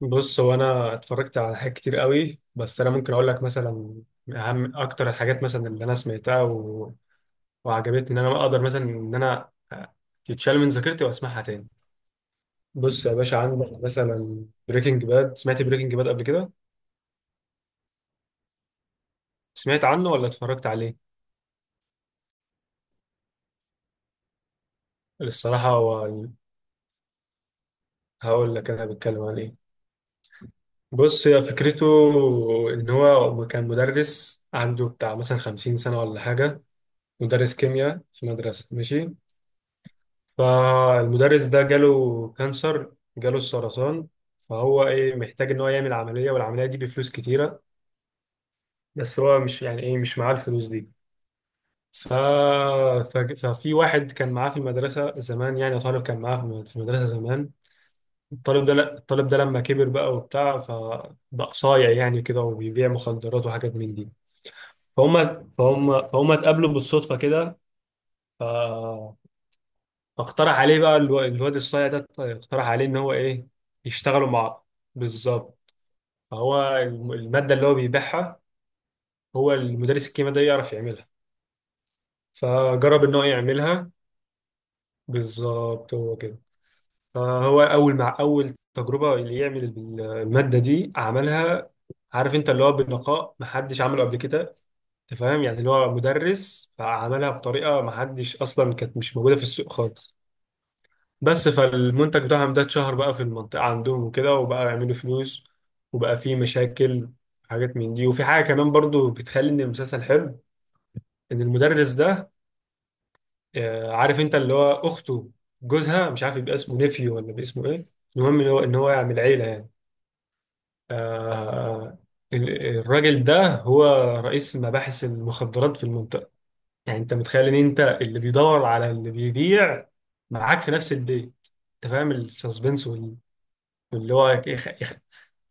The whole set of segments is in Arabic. بص هو انا اتفرجت على حاجات كتير قوي، بس انا ممكن اقول لك مثلا اهم اكتر الحاجات مثلا اللي انا سمعتها وعجبتني، ان انا اقدر مثلا ان انا تتشال من ذاكرتي واسمعها تاني. بص يا باشا، عندك مثلا بريكنج باد. سمعت بريكنج باد قبل كده؟ سمعت عنه ولا اتفرجت عليه؟ الصراحه هقول لك انا بتكلم عن ايه. بص، هي فكرته ان هو كان مدرس عنده بتاع مثلا 50 سنه ولا حاجه، مدرس كيمياء في مدرسه، ماشي. فالمدرس ده جاله كانسر، جاله السرطان، فهو ايه، محتاج ان هو يعمل عملية، والعملية دي بفلوس كتيرة. بس هو مش، يعني ايه، مش معاه الفلوس دي. ف... ف... ففي واحد كان معاه في المدرسة زمان، يعني طالب كان معاه في المدرسة زمان. الطالب ده، لا، الطالب ده لما كبر بقى وبتاع، فبقى صايع يعني كده، وبيبيع مخدرات وحاجات من دي. فهم اتقابلوا بالصدفة كده، فاقترح عليه بقى الواد الصايع ده، اقترح عليه ان هو ايه، يشتغلوا مع. بالظبط. فهو الماده اللي هو بيبيعها، هو المدرس الكيمياء ده يعرف يعملها، فجرب ان هو يعملها. بالظبط، هو كده. فهو اول مع اول تجربه اللي يعمل الماده دي عملها. عارف انت، اللي هو بنقاء محدش عمله قبل كده. انت فاهم يعني، اللي هو مدرس فعملها بطريقه محدش، اصلا كانت مش موجوده في السوق خالص. بس فالمنتج بتاعهم ده اتشهر بقى في المنطقة عندهم وكده، وبقى يعملوا فلوس، وبقى فيه مشاكل حاجات من دي. وفي حاجة كمان برضو بتخلي ان المسلسل حلو، ان المدرس ده، عارف انت، اللي هو اخته جوزها، مش عارف يبقى اسمه نيفيو ولا باسمه ايه، المهم ان هو يعمل عيلة يعني. آه، ال- الراجل ده هو رئيس مباحث المخدرات في المنطقة. يعني انت متخيل ان انت اللي بيدور على اللي بيبيع معاك في نفس البيت. انت فاهم السسبنس، اللي هو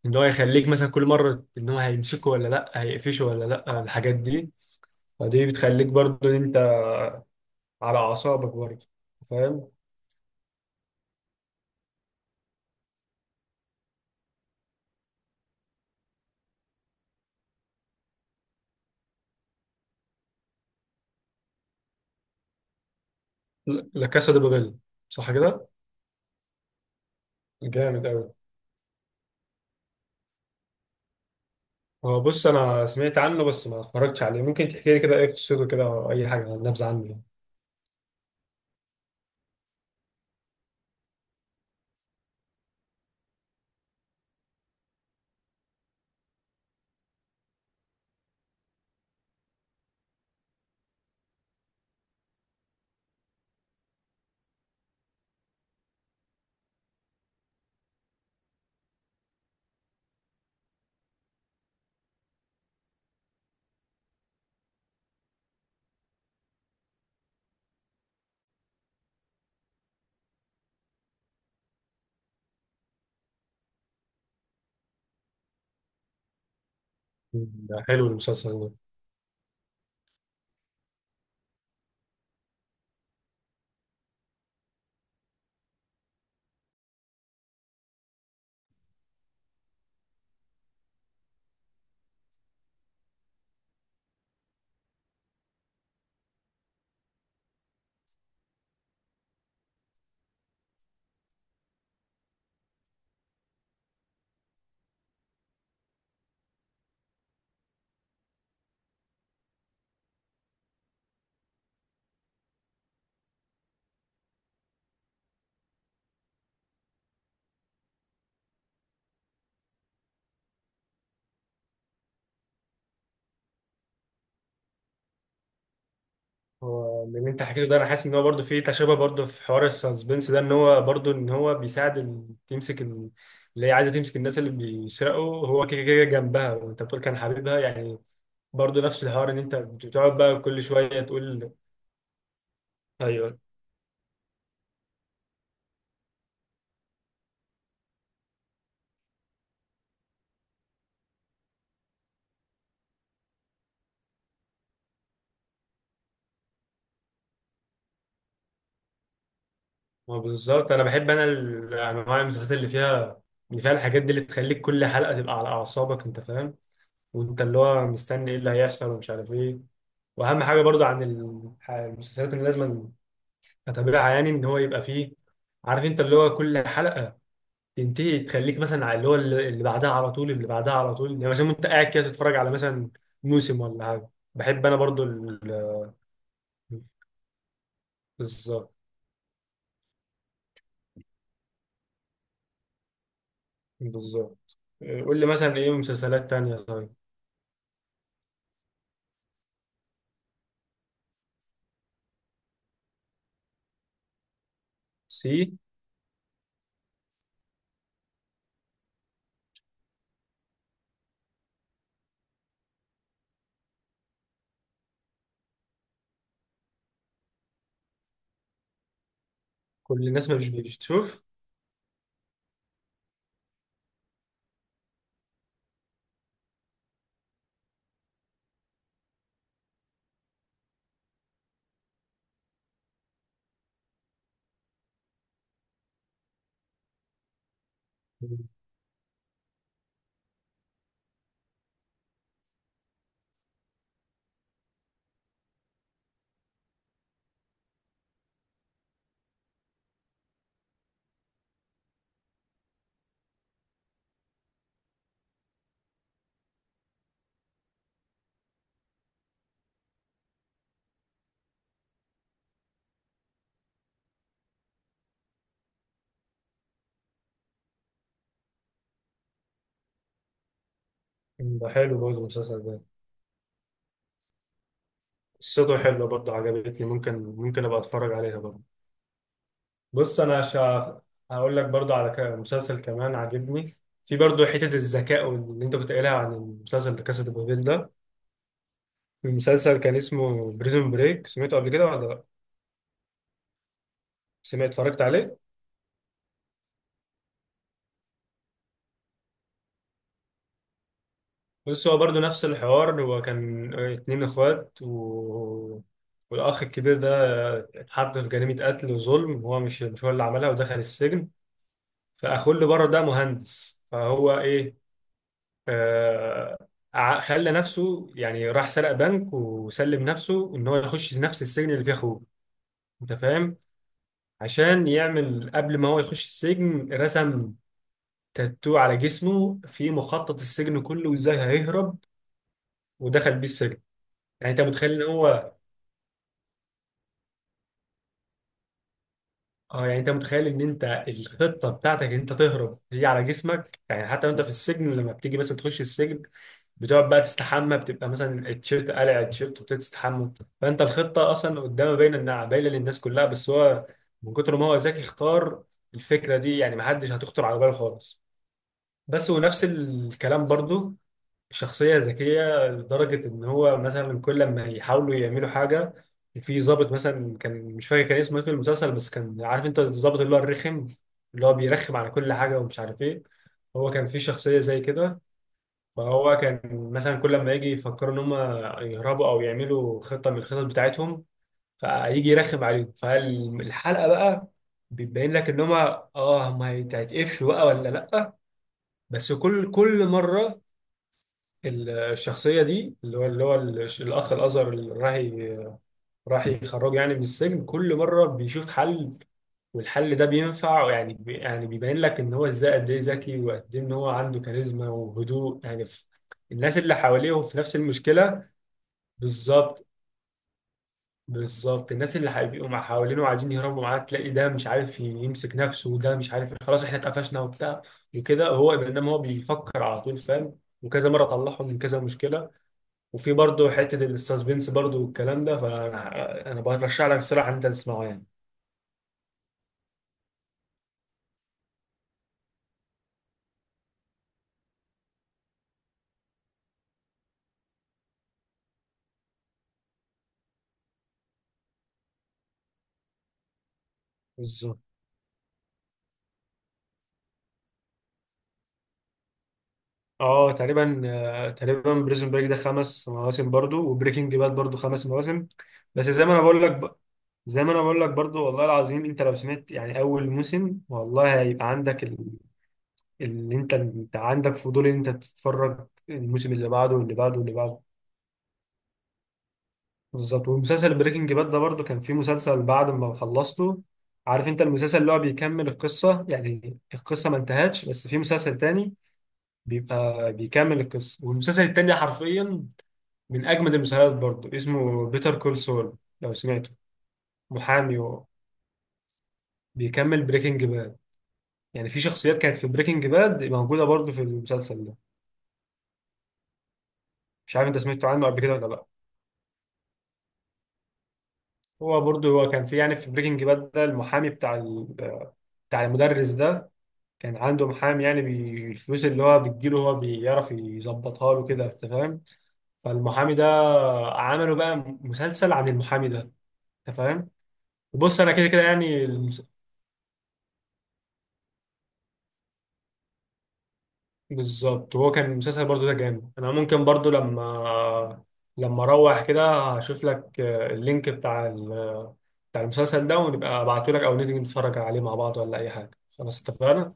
اللي هو يخليك مثلا كل مرة ان هو هيمسكه ولا لا، هيقفشه ولا لا، الحاجات دي. فدي بتخليك برضه ان انت على اعصابك برضه، فاهم. لا لا، كاسا دي بابيل. صح كده، جامد قوي. هو بص، انا سمعت عنه بس ما اتفرجتش عليه. ممكن تحكي لي كده ايه قصته كده، او اي حاجة، نبذة عنه يعني. ده حلو المسلسل ده. هو من اللي انت حكيته ده، انا حاسس ان هو برضه فيه تشابه، برضه في حوار السسبنس ده. ان هو برضه ان هو بيساعد تمسك اللي هي عايزه تمسك الناس اللي بيسرقوا، هو كده كده جنبها، وانت بتقول كان حبيبها يعني. برضه نفس الحوار، ان انت بتقعد بقى كل شويه تقول ايوه. ما بالظبط، انا بحب انا انواع المسلسلات اللي فيها، اللي فيها الحاجات دي، اللي تخليك كل حلقه تبقى على اعصابك، انت فاهم. وانت اللي هو مستني ايه اللي هيحصل ومش عارف ايه. واهم حاجه برضو عن المسلسلات اللي لازم اتابعها، يعني ان هو يبقى فيه، عارف انت، اللي هو كل حلقه تنتهي تخليك مثلا على اللي هو اللي بعدها على طول، اللي بعدها على طول. يعني مثلا انت قاعد كده تتفرج على مثلا موسم ولا حاجه. بحب انا برضو بالظبط. بالظبط. إيه، قول لي مثلا ايه مسلسلات تانية طيب. سي. كل الناس ما مش بتشوف. مم. ده حلو برضه المسلسل ده، قصته حلوه برضه، عجبتني، ممكن ممكن ابقى اتفرج عليها برضه. بص انا شا... هقول لك برضو على مسلسل كمان عاجبني، في برضو حتة الذكاء، واللي انت كنت قايلها عن المسلسل ده كاسا دي بابيل ده. المسلسل كان اسمه بريزون بريك. سمعته قبل كده ولا لا؟ سمعت، اتفرجت عليه. بص هو برضو نفس الحوار، هو كان اتنين اخوات والاخ الكبير ده اتحط في جريمة قتل وظلم، هو مش هو اللي عملها، ودخل السجن. فاخوه اللي بره ده مهندس، فهو ايه، آه، خلى نفسه يعني، راح سرق بنك وسلم نفسه، ان هو يخش نفس السجن اللي فيه اخوه. انت فاهم؟ عشان يعمل قبل ما هو يخش السجن، رسم تاتو على جسمه في مخطط السجن كله وازاي هيهرب، ودخل بيه السجن. يعني انت متخيل ان هو، اه، يعني انت متخيل ان انت الخطه بتاعتك ان انت تهرب هي على جسمك يعني، حتى وانت في السجن لما بتيجي مثلا تخش السجن بتقعد بقى تستحمى، بتبقى مثلا التيشيرت قلع التيشيرت وبتبتدي تستحمى. فانت الخطه اصلا قدامها باينه، انها باينه للناس كلها، بس هو من كتر ما هو ذكي اختار الفكره دي، يعني ما حدش هتخطر على باله خالص. بس ونفس الكلام برضو، شخصية ذكية لدرجة إن هو مثلا كل لما يحاولوا يعملوا حاجة. في ضابط مثلا، كان مش فاكر كان اسمه إيه في المسلسل، بس كان عارف أنت، الضابط اللي هو الرخم، اللي هو بيرخم على كل حاجة ومش عارف إيه. هو كان في شخصية زي كده. فهو كان مثلا كل لما يجي يفكروا إن هم يهربوا أو يعملوا خطة من الخطط بتاعتهم، فيجي يرخم عليهم. فالحلقة بقى بتبين لك إن هم، آه، هم هيتقفشوا بقى ولا لأ. بس كل مرة الشخصية دي، اللي هو اللي هو الأخ الأزهر، اللي راح يخرجه يعني من السجن، كل مرة بيشوف حل، والحل ده بينفع يعني، بي يعني بيبين لك إن هو إزاي قد إيه ذكي، وقد إيه إن هو عنده كاريزما وهدوء، يعني في الناس اللي حواليه في نفس المشكلة. بالظبط. بالظبط. الناس اللي هيبقوا مع حوالينه وعايزين يهربوا معاه، تلاقي ده مش عارف يمسك نفسه، وده مش عارف خلاص إحنا اتقفشنا وبتاع وكده، هو إنما هو بيفكر على طول فاهم، وكذا مرة طلعهم من كذا مشكلة. وفي برضه حتة السسبنس برضه والكلام ده. فأنا برشح لك الصراحة إن أنت تسمعه يعني. بالظبط. اه تقريبا، تقريبا بريزون بريك ده 5 مواسم برضه، وبريكنج باد برضه 5 مواسم. بس زي ما أنا بقول لك زي ما أنا بقول لك برضه، والله العظيم أنت لو سمعت يعني أول موسم، والله هيبقى عندك اللي أنت عندك فضول إن أنت تتفرج الموسم اللي بعده، واللي بعده، واللي بعده. بالظبط. ومسلسل بريكنج باد ده برضه كان فيه مسلسل بعد ما خلصته، عارف انت، المسلسل اللي هو بيكمل القصة، يعني القصة ما انتهتش، بس في مسلسل تاني بيبقى بيكمل القصة. والمسلسل التاني حرفيا من أجمد المسلسلات برضه، اسمه بيتر كول سول، لو سمعته. محامي و- بيكمل بريكنج باد، يعني في شخصيات كانت في بريكنج باد موجودة برضه في المسلسل ده. مش عارف انت سمعته عنه قبل كده ولا لا. هو برضه، هو كان في يعني في بريكنج باد ده المحامي بتاع المدرس ده، كان عنده محامي، يعني الفلوس اللي هو بتجيله هو بيعرف يظبطها له كده، انت فاهم. فالمحامي ده عملوا بقى مسلسل عن المحامي ده، انت فاهم. بص انا كده كده يعني بالظبط، هو كان المسلسل برضو ده جامد. انا ممكن برضو لما اروح كده هشوف لك، اللينك بتاع المسلسل ده، ونبقى ابعته لك او نيجي نتفرج عليه مع بعض ولا اي حاجه. خلاص، اتفقنا.